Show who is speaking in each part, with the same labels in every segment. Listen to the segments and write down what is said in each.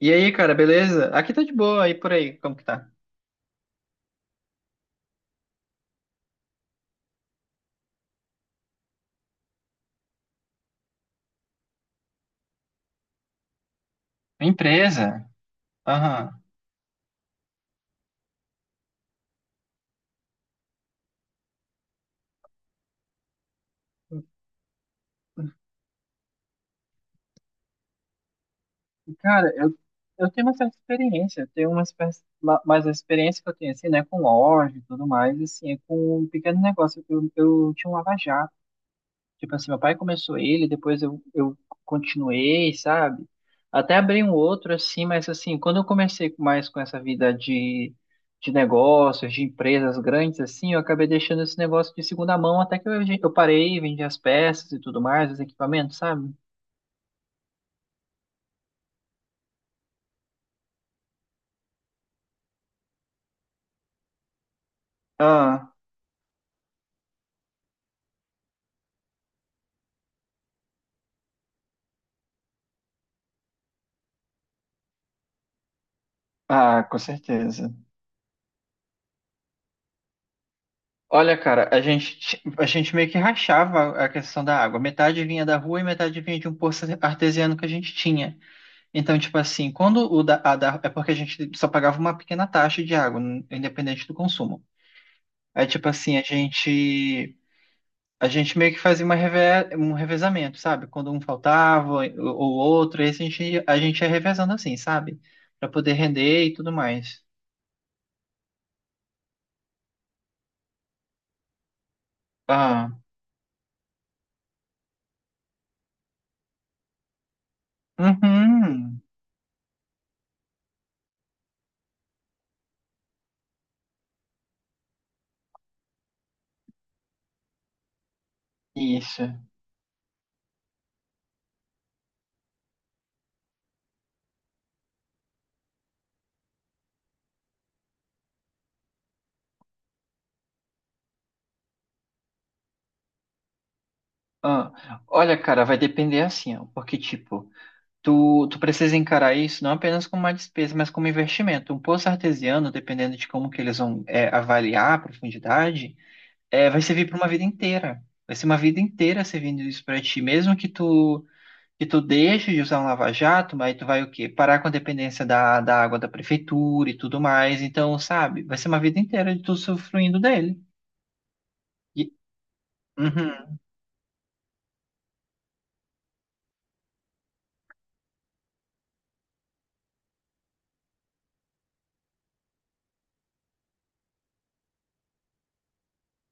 Speaker 1: E aí, cara, beleza? Aqui tá de boa, aí por aí, como que tá? Empresa? Aham. Cara, eu tenho uma certa experiência, eu tenho mas a experiência que eu tenho, assim, né, com loja e tudo mais, assim, é com um pequeno negócio. Eu tinha um lava-jato. Tipo assim, meu pai começou ele, depois eu continuei, sabe? Até abri um outro assim, mas assim, quando eu comecei mais com essa vida de negócios, de empresas grandes assim, eu acabei deixando esse negócio de segunda mão até que eu parei, vendi as peças e tudo mais, os equipamentos, sabe? Ah, ah, com certeza. Olha, cara, a gente meio que rachava a questão da água. Metade vinha da rua e metade vinha de um poço artesiano que a gente tinha. Então, tipo assim, quando o da, a da- é porque a gente só pagava uma pequena taxa de água, independente do consumo. Aí, tipo assim, a gente meio que fazia um revezamento, sabe? Quando um faltava ou outro, esse a gente ia revezando assim, sabe? Pra poder render e tudo mais. Ah, uhum, isso. Ah, olha, cara, vai depender assim, ó, porque tipo, tu precisa encarar isso não apenas como uma despesa, mas como investimento. Um poço artesiano, dependendo de como que eles vão avaliar a profundidade, vai servir para uma vida inteira. Vai ser uma vida inteira servindo isso para ti, mesmo que tu deixe de usar um lava-jato, mas tu vai o quê? Parar com a dependência da água da prefeitura e tudo mais. Então, sabe? Vai ser uma vida inteira de tu usufruindo dele. E- Uhum.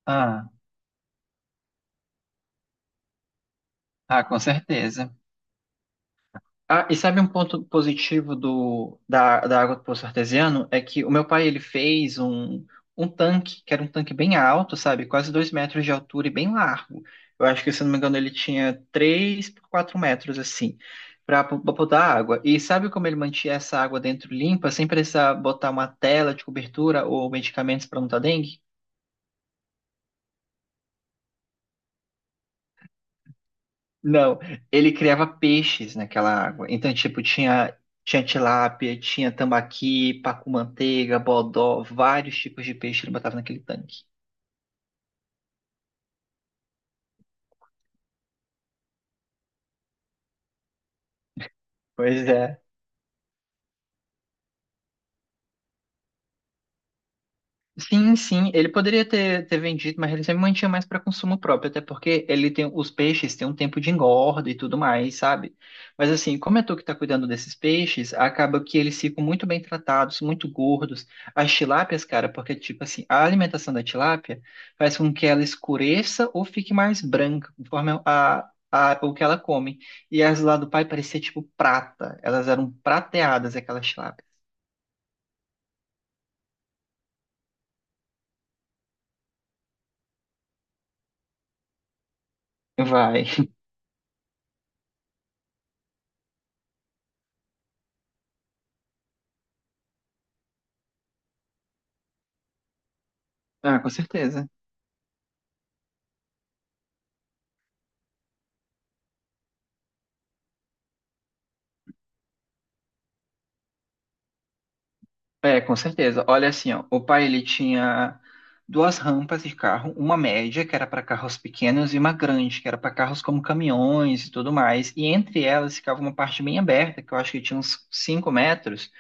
Speaker 1: Ah, ah, com certeza. Ah, e sabe um ponto positivo da água do poço artesiano? É que o meu pai, ele fez um tanque, que era um tanque bem alto, sabe? Quase 2 metros de altura e bem largo. Eu acho que, se não me engano, ele tinha 3 por 4 metros, assim, para botar água. E sabe como ele mantinha essa água dentro limpa, sem precisar botar uma tela de cobertura ou medicamentos para não dar dengue? Não, ele criava peixes naquela água. Então, tipo, tinha, tilápia, tinha tambaqui, pacu-manteiga, bodó, vários tipos de peixe ele botava naquele tanque. Pois é. Sim, sim, ele poderia ter vendido, mas ele sempre mantinha mais para consumo próprio, até porque ele tem os peixes têm um tempo de engorda e tudo mais, sabe? Mas assim, como é tu que tá cuidando desses peixes, acaba que eles ficam muito bem tratados, muito gordos. As tilápias, cara, porque tipo assim, a alimentação da tilápia faz com que ela escureça ou fique mais branca, conforme o que ela come. E as lá do pai parecia tipo prata, elas eram prateadas, aquelas tilápias. Vai. Ah, com certeza. É, com certeza. Olha assim, ó, o pai ele tinha duas rampas de carro, uma média que era para carros pequenos e uma grande que era para carros como caminhões e tudo mais. E entre elas ficava uma parte bem aberta que eu acho que tinha uns 5 metros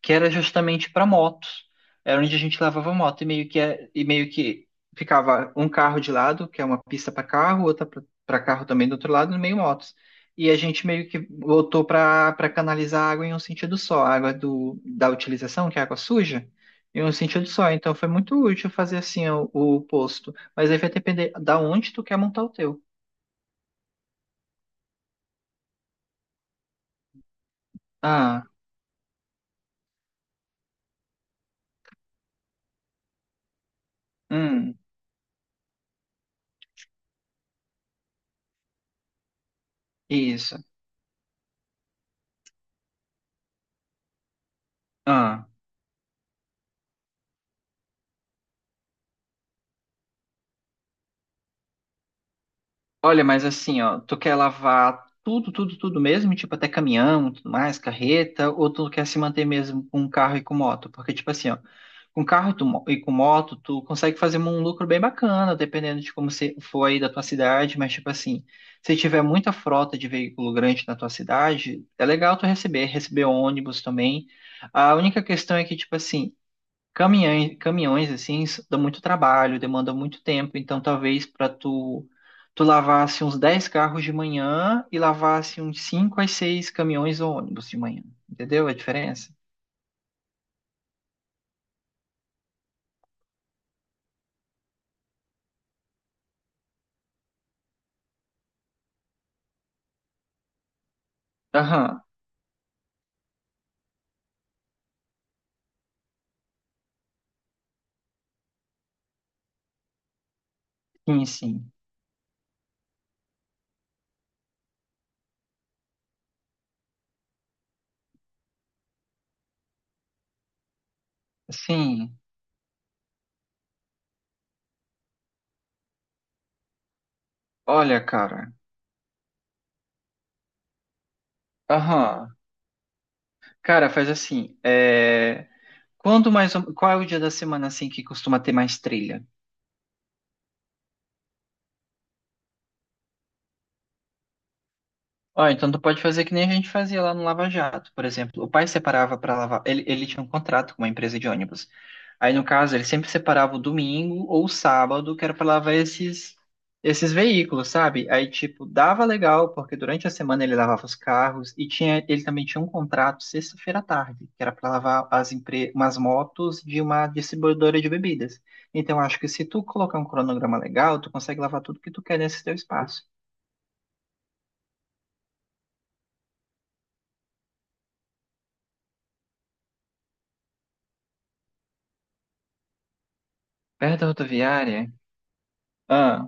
Speaker 1: que era justamente para motos. Era onde a gente lavava moto e meio que ficava um carro de lado, que é uma pista para carro, outra para carro também do outro lado, no meio motos. E a gente meio que voltou para canalizar a água em um sentido só, a água da utilização, que é a água suja, em um sentido só. Então foi muito útil fazer assim o posto. Mas aí vai depender da onde tu quer montar o teu. Ah, hum, isso. Ah. Olha, mas assim, ó, tu quer lavar tudo, tudo, tudo mesmo, tipo até caminhão, tudo mais, carreta, ou tu quer se manter mesmo com um carro e com moto? Porque, tipo assim, ó, com carro e com moto, tu consegue fazer um lucro bem bacana, dependendo de como você for aí da tua cidade, mas, tipo assim, se tiver muita frota de veículo grande na tua cidade, é legal tu receber ônibus também. A única questão é que, tipo assim, caminhões assim, dá muito trabalho, demanda muito tempo, então talvez para tu lavasse uns 10 carros de manhã e lavasse uns 5 a 6 caminhões ou ônibus de manhã. Entendeu a diferença? Aham, sim, sim. Sim. Olha, cara. Aham. Cara, faz assim, qual é o dia da semana assim que costuma ter mais trilha? Ó, então tu pode fazer que nem a gente fazia lá no Lava Jato, por exemplo. O pai separava para lavar, ele tinha um contrato com uma empresa de ônibus. Aí, no caso, ele sempre separava o domingo ou o sábado, que era para lavar esses veículos, sabe? Aí, tipo, dava legal, porque durante a semana ele lavava os carros e ele também tinha um contrato sexta-feira à tarde, que era para lavar umas motos de uma distribuidora de bebidas. Então, acho que se tu colocar um cronograma legal, tu consegue lavar tudo que tu quer nesse teu espaço. Perto da rodoviária? Ah.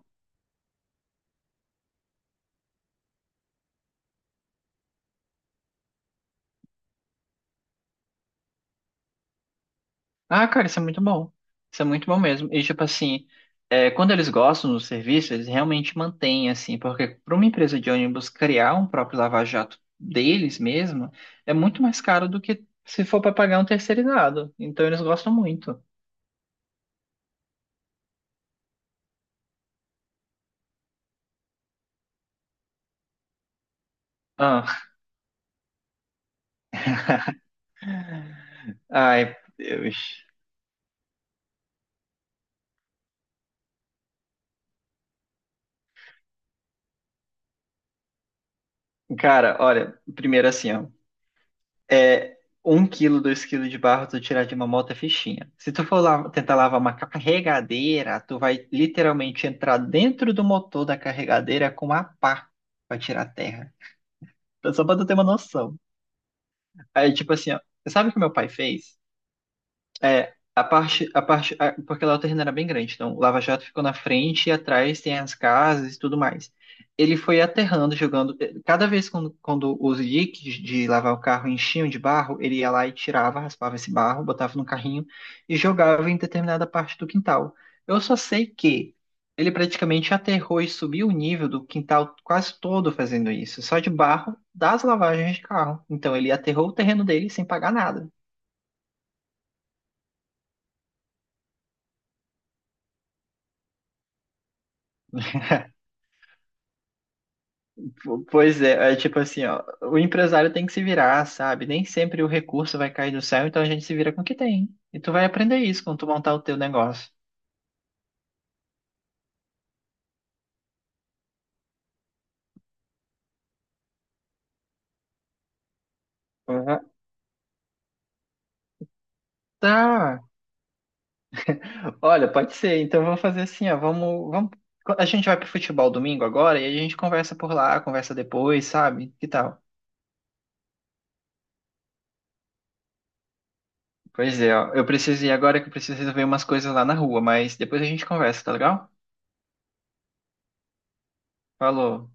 Speaker 1: Ah, cara, isso é muito bom. Isso é muito bom mesmo. E, tipo assim, quando eles gostam do serviço, eles realmente mantêm, assim, porque para uma empresa de ônibus criar um próprio lava-jato deles mesmo é muito mais caro do que se for para pagar um terceirizado. Então, eles gostam muito. Ah, ai, Deus. Cara, olha, primeiro assim, ó. é, 1 quilo, 2 quilos de barro tu tirar de uma moto é fichinha. Se tu for lá, tentar lavar uma carregadeira, tu vai literalmente entrar dentro do motor da carregadeira com uma pá pra tirar a terra. Então, só pra tu ter uma noção. Aí, tipo assim, ó, sabe o que meu pai fez? Porque lá o terreno era bem grande, então o Lava Jato ficou na frente e atrás tem as casas e tudo mais. Ele foi aterrando, jogando. Cada vez quando os diques de lavar o carro enchiam de barro, ele ia lá e tirava, raspava esse barro, botava no carrinho e jogava em determinada parte do quintal. Eu só sei que ele praticamente aterrou e subiu o nível do quintal quase todo fazendo isso, só de barro das lavagens de carro. Então ele aterrou o terreno dele sem pagar nada. Pois é, é tipo assim, ó, o empresário tem que se virar, sabe? Nem sempre o recurso vai cair do céu, então a gente se vira com o que tem. E tu vai aprender isso quando tu montar o teu negócio. Uhum. Tá. Olha, pode ser. Então eu vou fazer assim, ó, a gente vai pro futebol domingo agora e a gente conversa por lá, conversa depois, sabe? Que tal? Pois é, ó, eu preciso ir agora que eu preciso resolver umas coisas lá na rua, mas depois a gente conversa, tá legal? Falou.